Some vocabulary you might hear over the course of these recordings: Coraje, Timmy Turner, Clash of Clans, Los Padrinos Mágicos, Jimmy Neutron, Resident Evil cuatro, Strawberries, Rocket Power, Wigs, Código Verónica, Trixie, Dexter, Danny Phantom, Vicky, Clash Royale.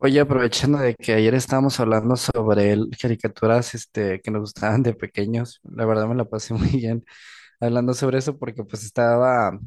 Oye, aprovechando de que ayer estábamos hablando sobre caricaturas que nos gustaban de pequeños, la verdad me la pasé muy bien hablando sobre eso porque pues estaba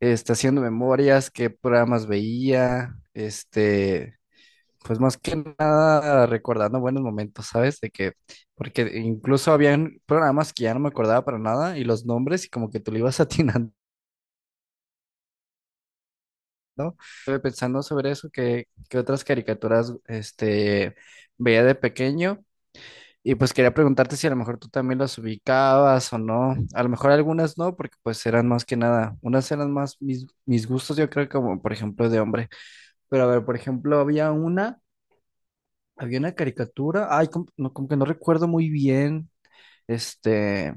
haciendo memorias, qué programas veía, pues más que nada recordando buenos momentos, ¿sabes? Porque incluso habían programas que ya no me acordaba para nada y los nombres y como que tú le ibas atinando. Estuve pensando sobre eso, que otras caricaturas veía de pequeño. Y pues quería preguntarte si a lo mejor tú también las ubicabas o no. A lo mejor algunas no, porque pues eran más que nada, unas eran más mis gustos, yo creo, como por ejemplo de hombre. Pero a ver, por ejemplo, había una caricatura, ay, como que no recuerdo muy bien, este,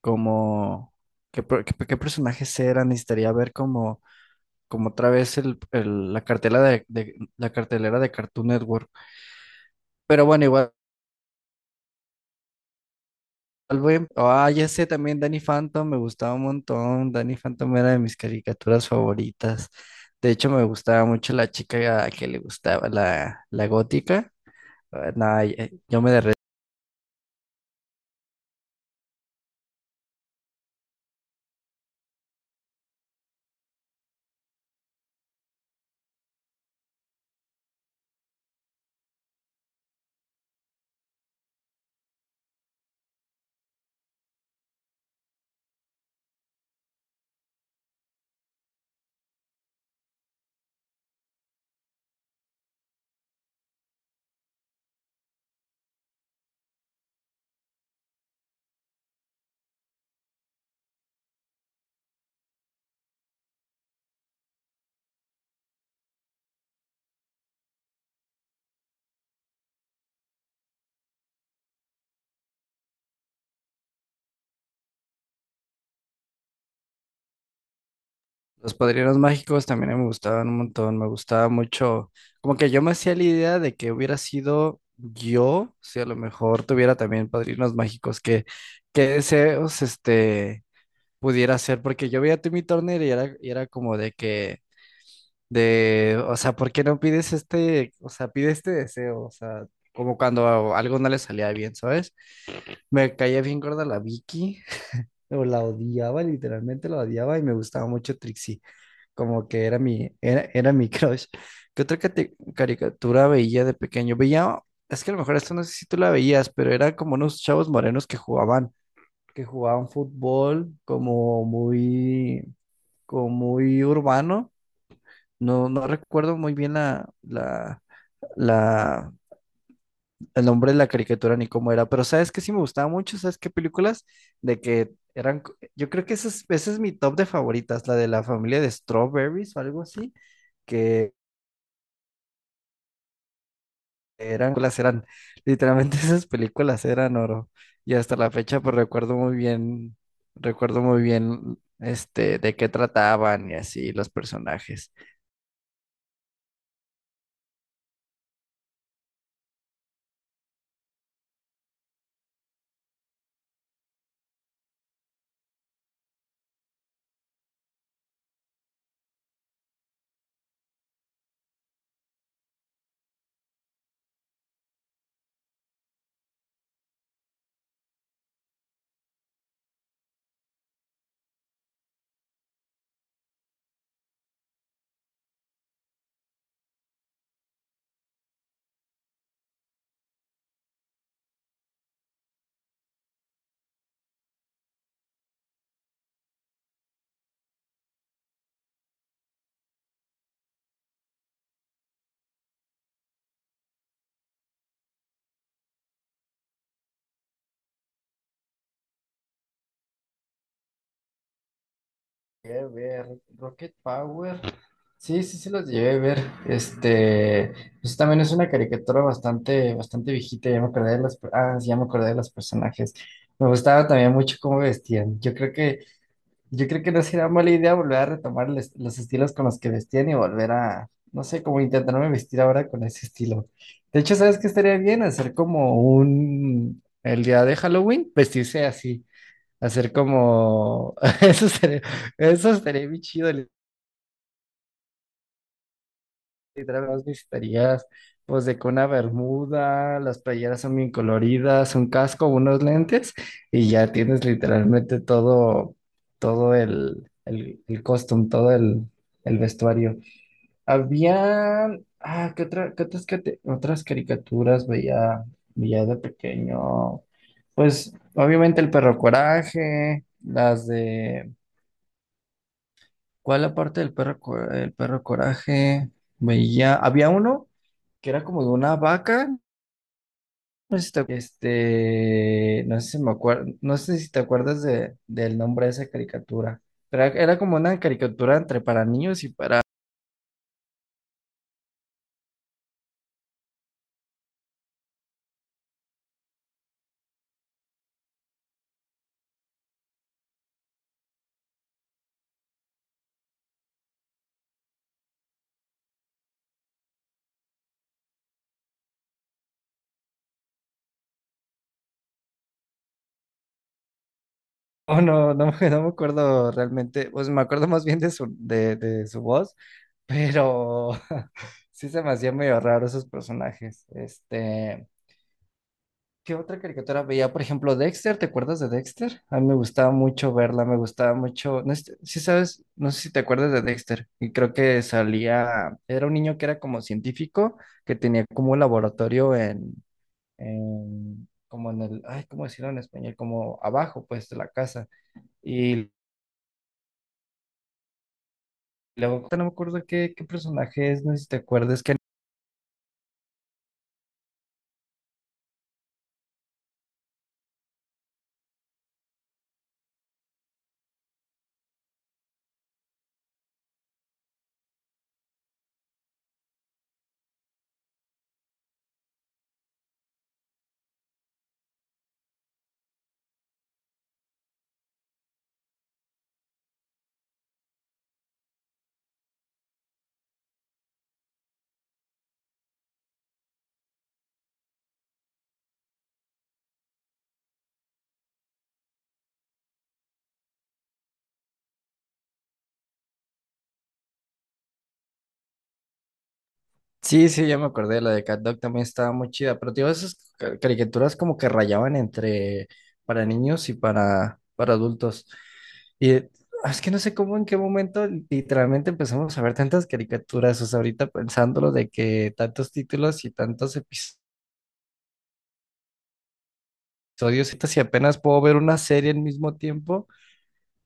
como, qué personajes eran, necesitaría ver como otra vez la cartelera de Cartoon Network. Pero bueno, igual. Salve. Ah, ya sé, también Danny Phantom me gustaba un montón. Danny Phantom era de mis caricaturas favoritas. De hecho, me gustaba mucho la chica que le gustaba, la gótica. Ah, nada, yo me... Los Padrinos Mágicos también me gustaban un montón. Me gustaba mucho. Como que yo me hacía la idea de que hubiera sido yo, si a lo mejor tuviera también Padrinos Mágicos, qué deseos pudiera hacer. Porque yo veía a Timmy Turner y era como de que de, o sea, ¿por qué no pides o sea, pide este deseo? O sea, como cuando algo no le salía bien, ¿sabes? Me caía bien gorda la Vicky, o la odiaba, literalmente la odiaba y me gustaba mucho Trixie, como que era mi crush. ¿Qué otra caricatura veía de pequeño? Veía, es que a lo mejor esto no sé si tú la veías, pero era como unos chavos morenos que jugaban fútbol como muy urbano. No recuerdo muy bien la, el nombre de la caricatura ni cómo era, pero sabes que sí me gustaba mucho. ¿Sabes qué películas? De que yo creo que esa es mi top de favoritas, la de la familia de Strawberries o algo así, que eran, literalmente esas películas eran oro, y hasta la fecha pues recuerdo muy bien de qué trataban y así los personajes. Llegué a ver. Rocket Power. Sí, sí, sí los llegué a ver. Este, pues también es una caricatura bastante viejita. Ya me acordé de sí, ya me acordé de los personajes. Me gustaba también mucho cómo vestían. Yo creo que no sería mala idea volver a retomar los estilos con los que vestían y volver a, no sé, como intentarme vestir ahora con ese estilo. De hecho, ¿sabes qué estaría bien? Hacer como un, el día de Halloween, vestirse así. Hacer como, eso estaría, eso estaría bien chido, literal, nada más necesitarías, pues, de que una bermuda, las playeras son bien coloridas, un casco, unos lentes, y ya tienes literalmente todo, el costume, el vestuario. Había, ah, ¿qué otra, qué otras, cate- ¿otras caricaturas veía de pequeño? Pues, obviamente el perro Coraje, las de... ¿Cuál la parte el perro coraje? Veía, había uno que era como de una vaca. No sé si te, no sé si te acuerdas del nombre de esa caricatura. Pero era como una caricatura entre para niños y para... Oh, no me acuerdo realmente. Pues me acuerdo más bien de de su voz, pero sí se me hacía medio raro esos personajes. Este. ¿Qué otra caricatura veía? Por ejemplo, Dexter, ¿te acuerdas de Dexter? A mí me gustaba mucho verla, me gustaba mucho, no sé si sabes, no sé si te acuerdas de Dexter, y creo que salía, era un niño que era como científico, que tenía como un laboratorio como en el, ay, ¿cómo decirlo en español? Como abajo, pues, de la casa, y luego, no me acuerdo qué personaje es, no sé si te acuerdas, que sí, sí, ya me acordé, la de Cat también estaba muy chida, pero tío, esas caricaturas como que rayaban entre para niños y para adultos. Y es que no sé cómo, en qué momento literalmente empezamos a ver tantas caricaturas, o sea, ahorita pensándolo de que tantos títulos y tantos episodios, y si apenas puedo ver una serie al mismo tiempo,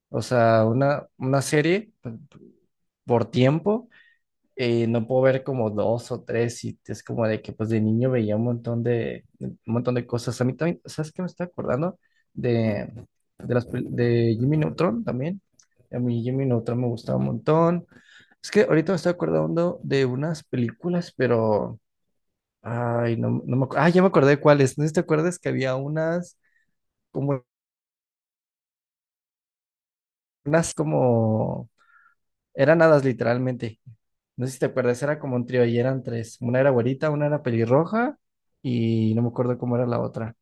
o sea, una serie pues, por tiempo. Eh, no puedo ver como dos o tres y es como de que pues de niño veía un montón un montón de cosas. A mí también, ¿sabes qué me está acordando? De, de Jimmy Neutron también. A mí Jimmy Neutron me gustaba un montón. Es que ahorita me estoy acordando de unas películas, pero... Ay, no, no me acuerdo. Ah, ya me acordé cuáles. No sé si te acuerdas que había unas como... Unas como... Eran hadas literalmente. No sé si te acuerdas, era como un trío y eran tres. Una era güerita, una era pelirroja y no me acuerdo cómo era la otra.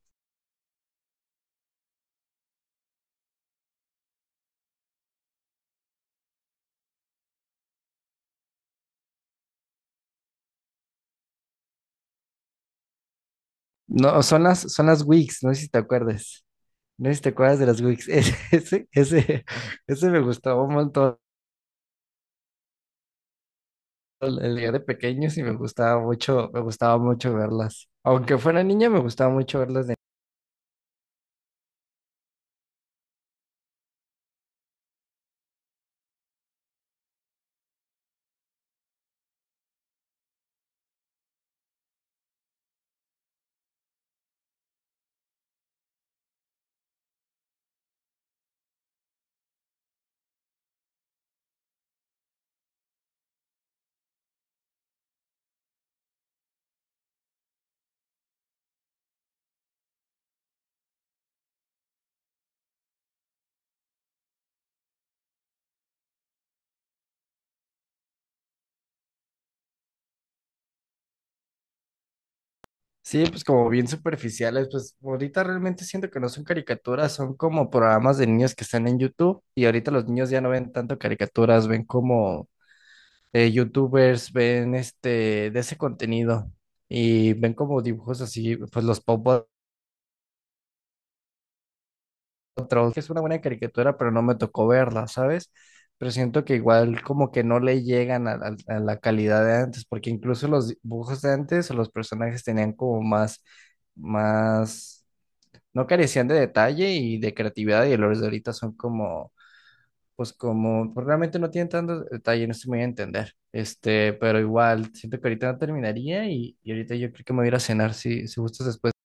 No, son son las Wigs, no sé si te acuerdas. No sé si te acuerdas de las Wigs. Ese me gustaba un montón. El día de pequeños y me gustaba mucho verlas. Aunque fuera niña, me gustaba mucho verlas. Sí, pues como bien superficiales, pues ahorita realmente siento que no son caricaturas, son como programas de niños que están en YouTube y ahorita los niños ya no ven tanto caricaturas, ven como YouTubers, ven este de ese contenido y ven como dibujos así, pues los Pop Patrol, que es una buena caricatura, pero no me tocó verla, ¿sabes? Pero siento que igual como que no le llegan a la calidad de antes, porque incluso los dibujos de antes o los personajes tenían como más más no carecían de detalle y de creatividad y los de ahorita son como, pues, realmente no tienen tanto detalle, no estoy muy a entender. Este, pero igual, siento que ahorita no terminaría y ahorita yo creo que me voy a ir a cenar si gustas después.